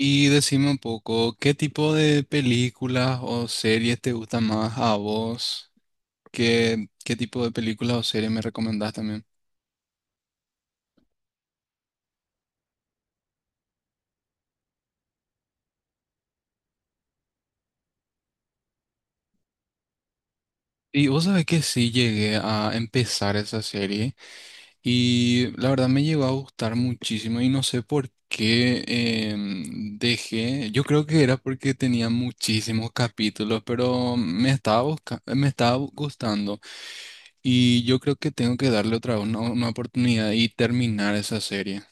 Y decime un poco, ¿qué tipo de películas o series te gustan más a vos? ¿¿Qué tipo de películas o series me recomendás también? Y vos sabés que sí llegué a empezar esa serie y la verdad me llegó a gustar muchísimo y no sé por qué dejé. Yo creo que era porque tenía muchísimos capítulos, pero me estaba gustando y yo creo que tengo que darle otra vez una oportunidad y terminar esa serie.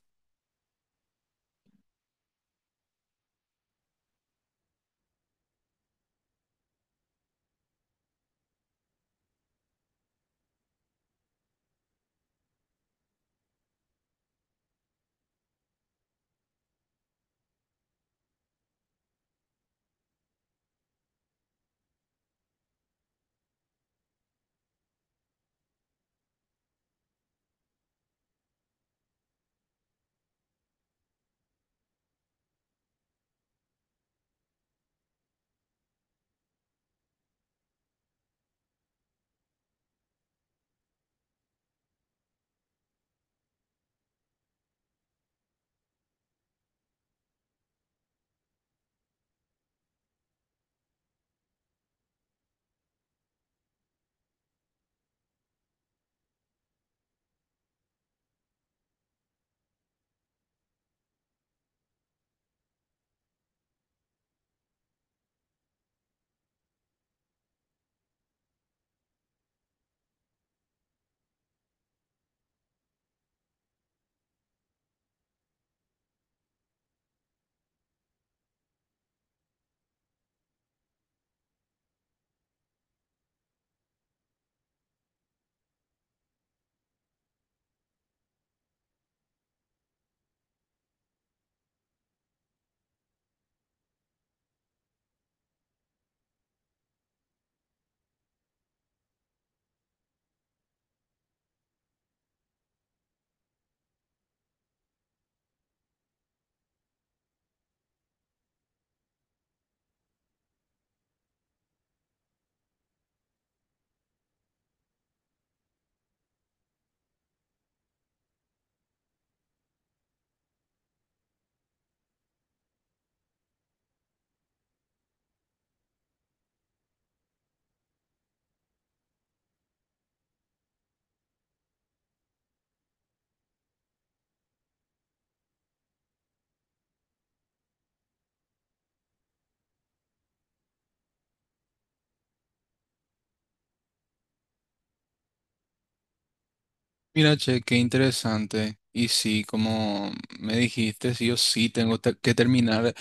Mira, che, qué interesante. Y sí, como me dijiste, sí, yo sí que terminar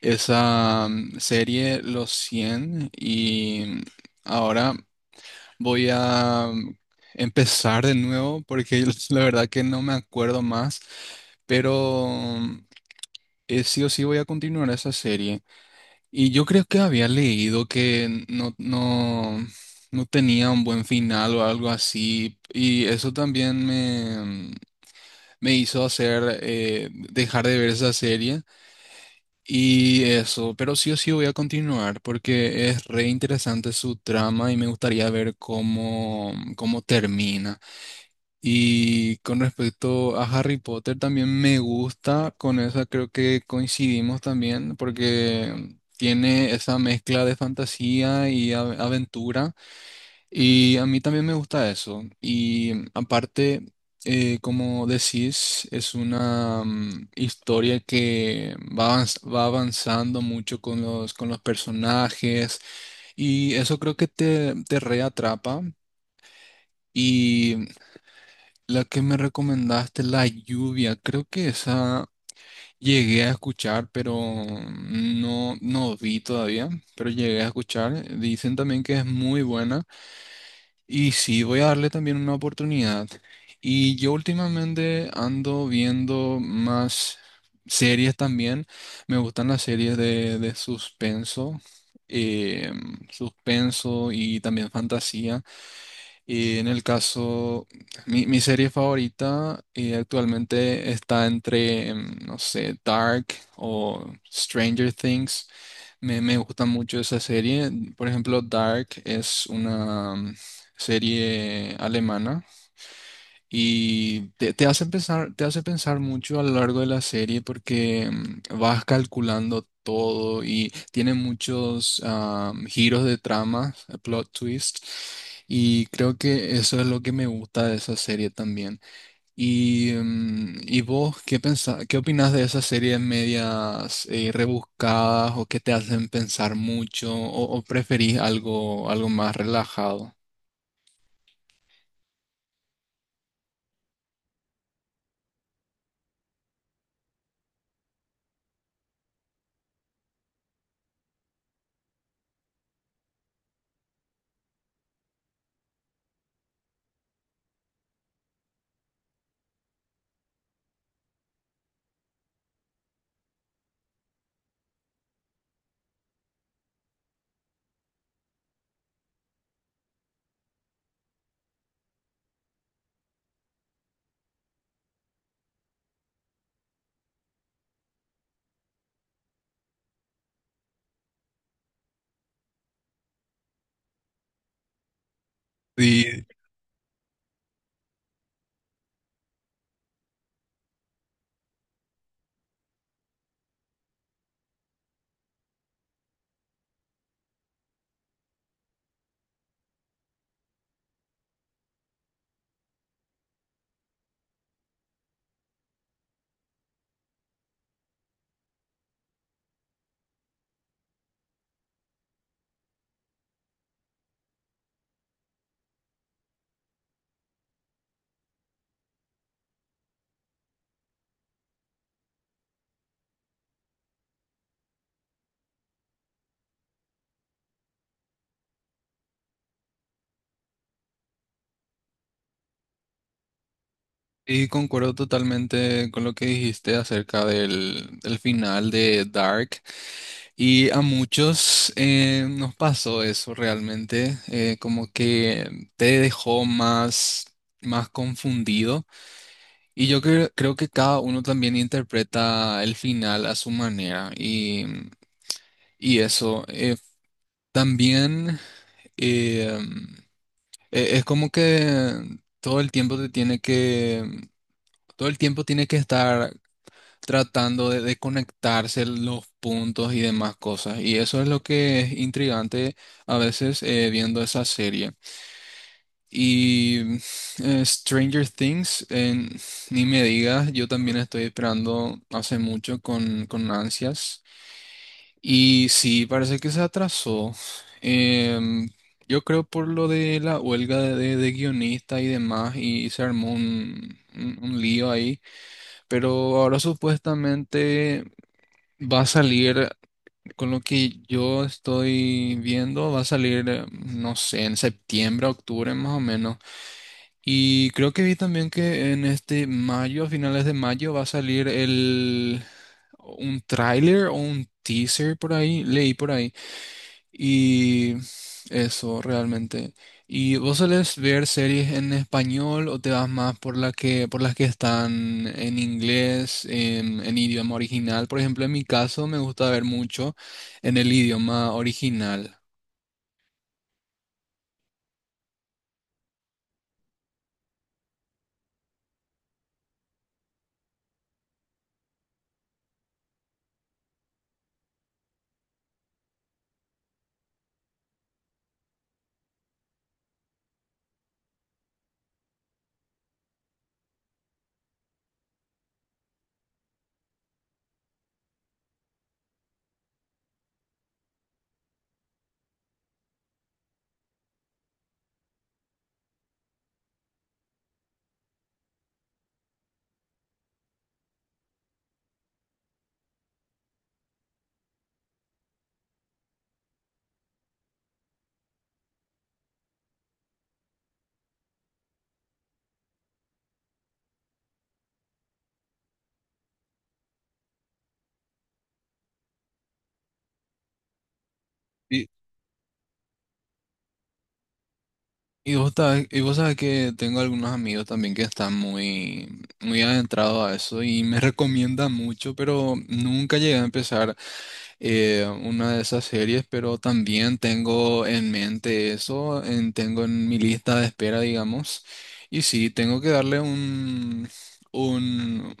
esa serie Los cien, y ahora voy a empezar de nuevo porque la verdad que no me acuerdo más, pero sí o sí voy a continuar esa serie. Y yo creo que había leído que no tenía un buen final o algo así y eso también me hizo hacer dejar de ver esa serie y eso, pero sí o sí voy a continuar porque es re interesante su trama y me gustaría ver cómo termina. Y con respecto a Harry Potter también me gusta, con esa creo que coincidimos también porque tiene esa mezcla de fantasía y aventura. Y a mí también me gusta eso. Y aparte, como decís, es una historia que va avanzando mucho con con los personajes y eso creo que te reatrapa. Y la que me recomendaste, La Lluvia, creo que esa llegué a escuchar, pero no vi todavía, pero llegué a escuchar. Dicen también que es muy buena. Y sí, voy a darle también una oportunidad. Y yo últimamente ando viendo más series también. Me gustan las series de suspenso, suspenso y también fantasía. Y en el caso, mi serie favorita actualmente está entre, no sé, Dark o Stranger Things. Me gusta mucho esa serie. Por ejemplo, Dark es una serie alemana y te hace pensar mucho a lo largo de la serie porque vas calculando todo y tiene muchos giros de trama, plot twist. Y creo que eso es lo que me gusta de esa serie también. Y, ¿y vos qué pensás, qué opinás de esas series medias rebuscadas o que te hacen pensar mucho o preferís algo, algo más relajado? Sí, y concuerdo totalmente con lo que dijiste acerca del final de Dark. Y a muchos nos pasó eso realmente, como que te dejó más, más confundido. Y yo creo que cada uno también interpreta el final a su manera. Y eso también eh, es como que todo el tiempo te tiene que... Todo el tiempo tiene que estar tratando de conectarse los puntos y demás cosas. Y eso es lo que es intrigante a veces viendo esa serie. Y Stranger Things, ni me digas, yo también estoy esperando hace mucho con ansias. Y sí, parece que se atrasó. Em, yo creo por lo de la huelga de guionista y demás, y se armó un, un lío ahí. Pero ahora supuestamente va a salir, con lo que yo estoy viendo, va a salir, no sé, en septiembre, octubre más o menos. Y creo que vi también que en este mayo, a finales de mayo, va a salir un tráiler o un teaser por ahí, leí por ahí y eso realmente. ¿Y vos solés ver series en español o te vas más por la por las que están en inglés, en idioma original? Por ejemplo, en mi caso me gusta ver mucho en el idioma original. Y, y vos sabés que tengo algunos amigos también que están muy, muy adentrados a eso y me recomiendan mucho, pero nunca llegué a empezar una de esas series, pero también tengo en mente eso, tengo en mi lista de espera, digamos, y sí, tengo que darle un, un-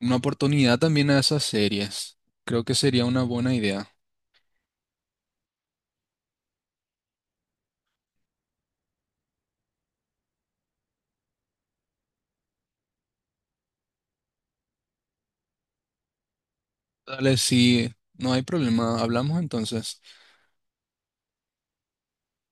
una oportunidad también a esas series. Creo que sería una buena idea. Dale, sí, no hay problema, hablamos entonces.